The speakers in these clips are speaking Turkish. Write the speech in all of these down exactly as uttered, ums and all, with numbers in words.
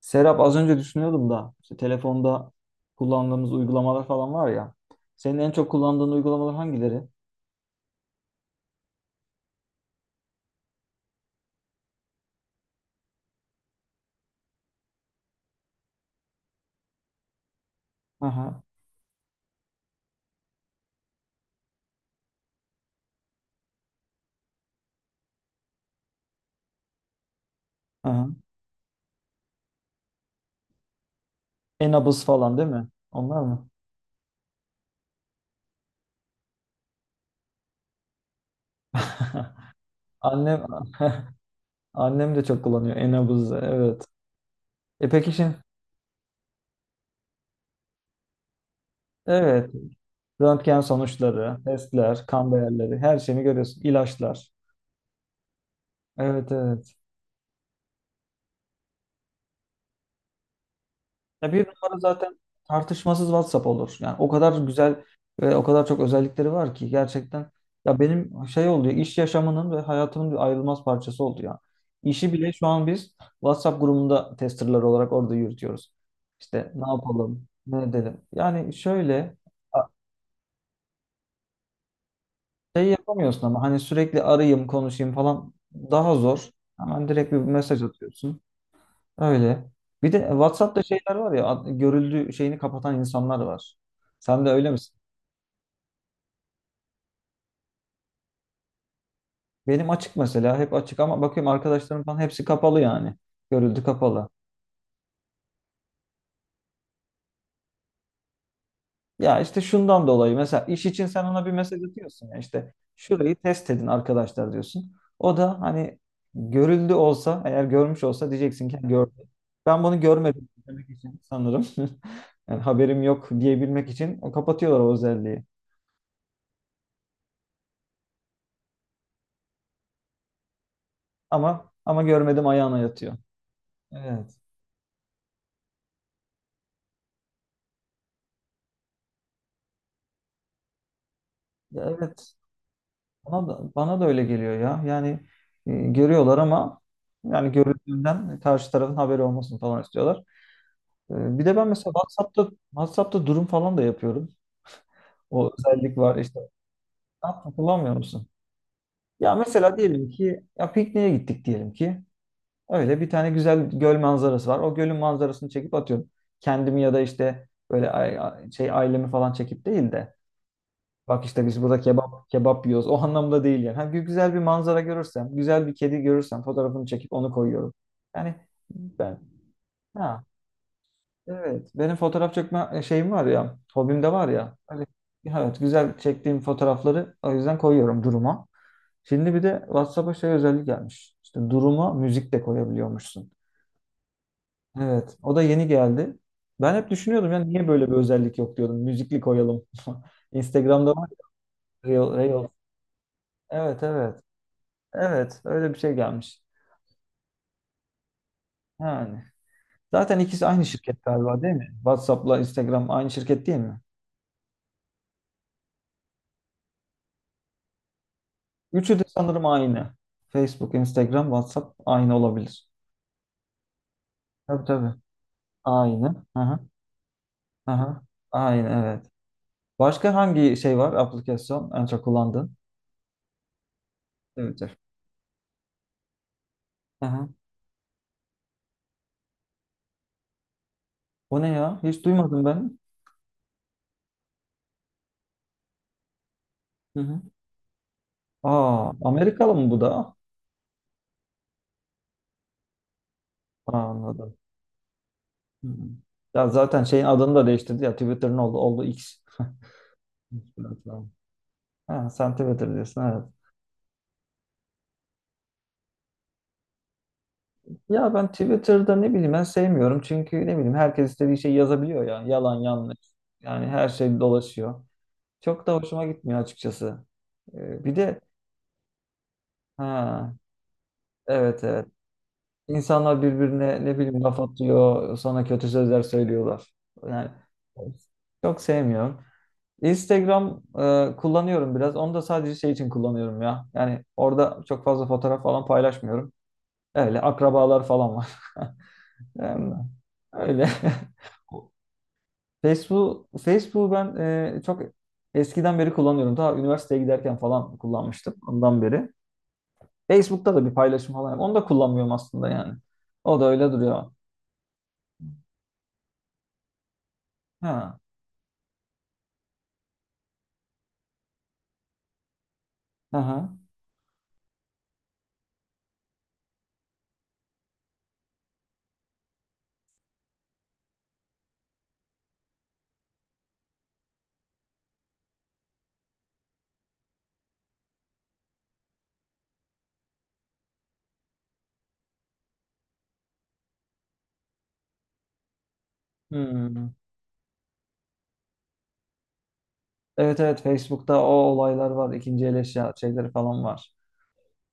Serap, az önce düşünüyordum da işte telefonda kullandığımız uygulamalar falan var ya. Senin en çok kullandığın uygulamalar hangileri? Aha, aha. Enabuz falan değil mi? Onlar mı? Annem annem de çok kullanıyor Enabuz'u, evet. E peki şimdi, evet, röntgen sonuçları, testler, kan değerleri, her şeyini görüyorsun. İlaçlar. Evet, evet. Ya bir numara zaten tartışmasız WhatsApp olur. Yani o kadar güzel ve o kadar çok özellikleri var ki gerçekten, ya benim şey oldu ya, iş yaşamının ve hayatımın bir ayrılmaz parçası oldu ya. İşi bile şu an biz WhatsApp grubunda testerlar olarak orada yürütüyoruz. İşte ne yapalım, ne edelim. Yani şöyle a- şey yapamıyorsun ama hani sürekli arayayım, konuşayım falan daha zor. Hemen direkt bir mesaj atıyorsun. Öyle. Bir de WhatsApp'ta şeyler var ya, ad- görüldü şeyini kapatan insanlar var. Sen de öyle misin? Benim açık mesela, hep açık ama bakıyorum arkadaşlarım falan hepsi kapalı yani. Görüldü kapalı. Ya işte şundan dolayı mesela, iş için sen ona bir mesaj atıyorsun ya, işte şurayı test edin arkadaşlar diyorsun. O da hani görüldü olsa, eğer görmüş olsa diyeceksin ki gördü. Ben bunu görmedim demek için sanırım. Yani haberim yok diyebilmek için o kapatıyorlar o özelliği. Ama ama görmedim ayağına yatıyor. Evet. Ya, evet. Bana da, bana da öyle geliyor ya. Yani e, görüyorlar ama, yani görüldüğünden karşı tarafın haberi olmasını falan istiyorlar. E, bir de ben mesela WhatsApp'ta WhatsApp'ta durum falan da yapıyorum. O özellik var işte. Ne yaptın, kullanmıyor musun? Ya mesela diyelim ki, ya pikniğe gittik diyelim ki. Öyle bir tane güzel göl manzarası var. O gölün manzarasını çekip atıyorum. Kendimi ya da işte böyle ay- şey ailemi falan çekip değil de, bak işte biz burada kebap kebap yiyoruz, o anlamda değil yani. Ha, gü- güzel bir manzara görürsem, güzel bir kedi görürsem fotoğrafını çekip onu koyuyorum. Yani ben. Ha, evet, benim fotoğraf çekme e, şeyim var ya, hobim de var ya. Hani, evet, güzel çektiğim fotoğrafları o yüzden koyuyorum duruma. Şimdi bir de WhatsApp'a şey özellik gelmiş. İşte duruma müzik de koyabiliyormuşsun. Evet, o da yeni geldi. Ben hep düşünüyordum, yani niye böyle bir özellik yok diyordum. Müzikli koyalım. Instagram'da var ya, Reel, Reel. Evet, evet. Evet, öyle bir şey gelmiş. Yani. Zaten ikisi aynı şirket galiba, değil mi? WhatsApp'la Instagram aynı şirket değil mi? Üçü de sanırım aynı. Facebook, Instagram, WhatsApp aynı olabilir. Tabii, tabii. Aynı. Aha, aha. Aynı, evet. Başka hangi şey var? Aplikasyon en çok kullandığın? Twitter. Aha. O ne ya? Hiç duymadım ben. Hı hı. Aa, Amerikalı mı bu da? Aa, anladım. Hı hı. Ya zaten şeyin adını da değiştirdi ya. Twitter'ın oldu, oldu X. Ha, sen Twitter diyorsun, evet. Ya ben Twitter'da ne bileyim, ben sevmiyorum. Çünkü ne bileyim, herkes istediği şeyi yazabiliyor yani. Yalan yanlış. Yani her şey dolaşıyor. Çok da hoşuma gitmiyor açıkçası. Ee, bir de. Ha, evet, evet. İnsanlar birbirine ne bileyim laf atıyor. Sonra kötü sözler söylüyorlar. Yani çok sevmiyorum. Instagram e, kullanıyorum biraz. Onu da sadece şey için kullanıyorum ya. Yani orada çok fazla fotoğraf falan paylaşmıyorum. Öyle akrabalar falan var. Yani öyle. Facebook, Facebook'u ben e, çok eskiden beri kullanıyorum. Daha üniversiteye giderken falan kullanmıştım, ondan beri. Facebook'ta da bir paylaşım falan yap- onu da kullanmıyorum aslında yani. O da öyle duruyor. Ha. Aha. Hmm. Evet, evet, Facebook'ta o olaylar var. İkinci el eşya şeyleri falan var.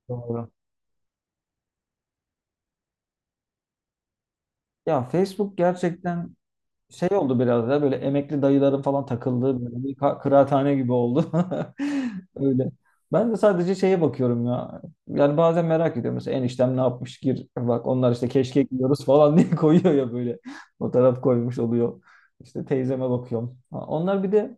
Doğru. Ya Facebook gerçekten şey oldu biraz da, böyle emekli dayıların falan takıldığı böyle bir ka- kıraathane gibi oldu. Öyle. Ben de sadece şeye bakıyorum ya. Yani bazen merak ediyorum. Mesela eniştem ne yapmış, gir bak, onlar işte keşke gidiyoruz falan diye koyuyor ya böyle. Fotoğraf koymuş oluyor. İşte teyzeme bakıyorum. Ha, onlar bir de,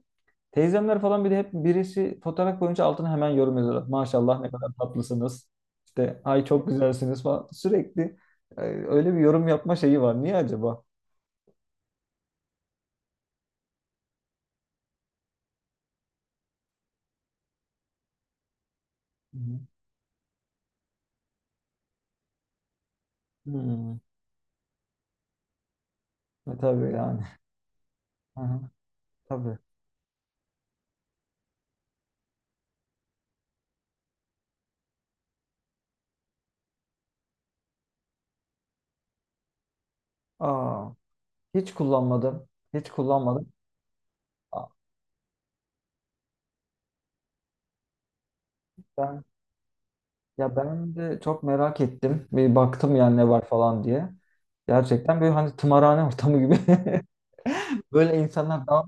teyzemler falan bir de hep birisi fotoğraf koyunca altına hemen yorum yazıyorlar. Maşallah ne kadar tatlısınız. İşte ay çok güzelsiniz falan. Sürekli e, öyle bir yorum yapma şeyi var. Niye acaba? Hı hı. Hmm. E, tabii yani. Hı hı, tabii. Aa, hiç kullanmadım. Hiç kullanmadım. Aa, ben ya ben de çok merak ettim. Bir baktım yani ne var falan diye. Gerçekten böyle hani tımarhane ortamı gibi. Böyle insanlar dans,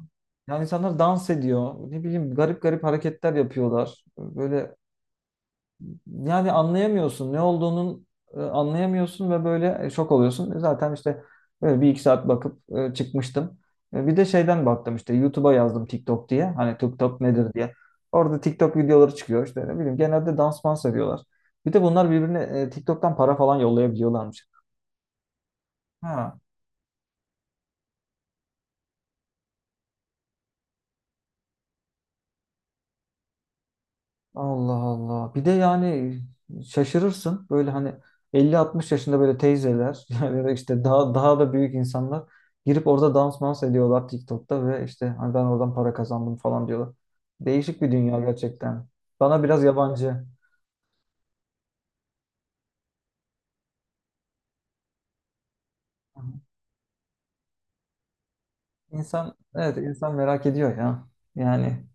yani insanlar dans ediyor. Ne bileyim garip garip hareketler yapıyorlar. Böyle yani anlayamıyorsun ne olduğunun, e, anlayamıyorsun ve böyle e, şok oluyorsun. E, Zaten işte böyle bir iki saat bakıp e, çıkmıştım. E, bir de şeyden baktım, işte YouTube'a yazdım TikTok diye. Hani TikTok nedir diye. Orada TikTok videoları çıkıyor, işte ne bileyim genelde dans mans ediyorlar. Bir de bunlar birbirine e, TikTok'tan para falan yollayabiliyorlarmış. Ha. Allah Allah. Bir de yani şaşırırsın. Böyle hani elli altmış yaşında böyle teyzeler yani, ya da işte daha daha da büyük insanlar girip orada dans mans ediyorlar TikTok'ta ve işte hani ben oradan para kazandım falan diyorlar. Değişik bir dünya gerçekten. Bana biraz yabancı. İnsan evet insan merak ediyor ya. Yani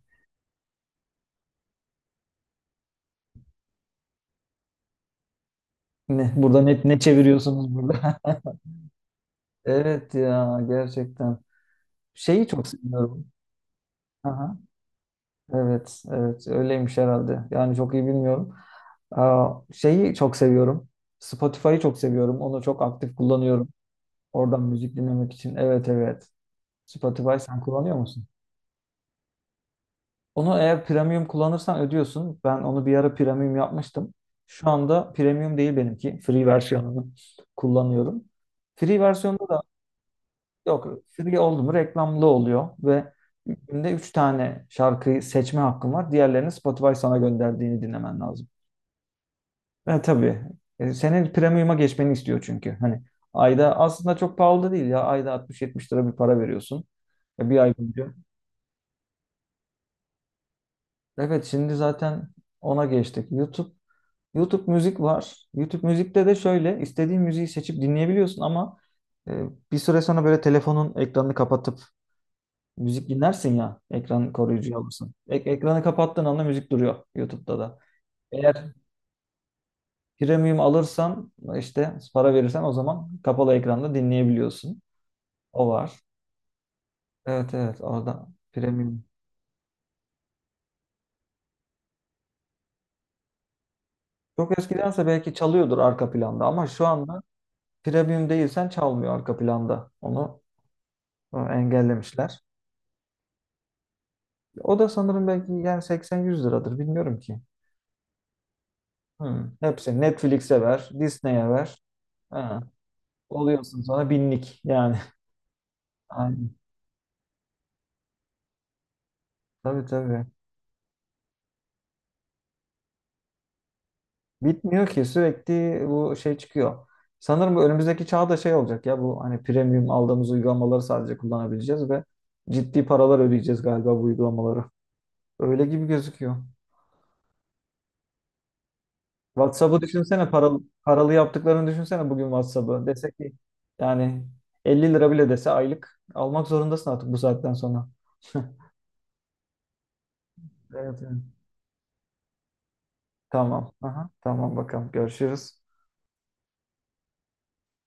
ne burada, ne, ne çeviriyorsunuz burada? Evet ya, gerçekten. Şeyi çok seviyorum. Aha. Evet, evet, öyleymiş herhalde. Yani çok iyi bilmiyorum. Aa, şeyi çok seviyorum. Spotify'ı çok seviyorum. Onu çok aktif kullanıyorum. Oradan müzik dinlemek için. Evet, evet. Spotify sen kullanıyor musun? Onu eğer premium kullanırsan ödüyorsun. Ben onu bir ara premium yapmıştım. Şu anda premium değil benimki. Free versiyonunu kullanıyorum. Free versiyonda da yok. Free oldu mu reklamlı oluyor ve günde üç tane şarkıyı seçme hakkım var. Diğerlerini Spotify sana gönderdiğini dinlemen lazım. Ha, tabii. E, senin premium'a geçmeni istiyor çünkü. Hani ayda aslında çok pahalı da değil ya. Ayda altmış yetmiş lira bir para veriyorsun. E, bir ay boyunca. Evet, şimdi zaten ona geçtik. YouTube YouTube müzik var. YouTube müzikte de şöyle istediğin müziği seçip dinleyebiliyorsun ama e, bir süre sonra böyle telefonun ekranını kapatıp müzik dinlersin ya. Ekran koruyucu alırsın. Ek- ekranı kapattığın anda müzik duruyor YouTube'da da. Eğer premium alırsan, işte para verirsen, o zaman kapalı ekranda dinleyebiliyorsun. O var. Evet, evet, orada premium. Çok eskidense belki çalıyordur arka planda ama şu anda premium değilsen çalmıyor arka planda. Onu e, engellemişler. O da sanırım belki yani seksen yüz liradır, bilmiyorum ki. Hmm. Hepsi Netflix'e ver, Disney'e ver. Ha. Oluyorsun sonra binlik yani. Aynen. Tabii, tabii. Bitmiyor ki, sürekli bu şey çıkıyor. Sanırım bu önümüzdeki çağda şey olacak ya, bu hani premium aldığımız uygulamaları sadece kullanabileceğiz ve ciddi paralar ödeyeceğiz galiba bu uygulamaları. Öyle gibi gözüküyor. WhatsApp'ı düşünsene, paralı, paralı yaptıklarını düşünsene bugün WhatsApp'ı. Dese ki yani elli lira bile dese aylık almak zorundasın artık bu saatten sonra. Evet, evet. Tamam. Aha, tamam bakalım. Görüşürüz.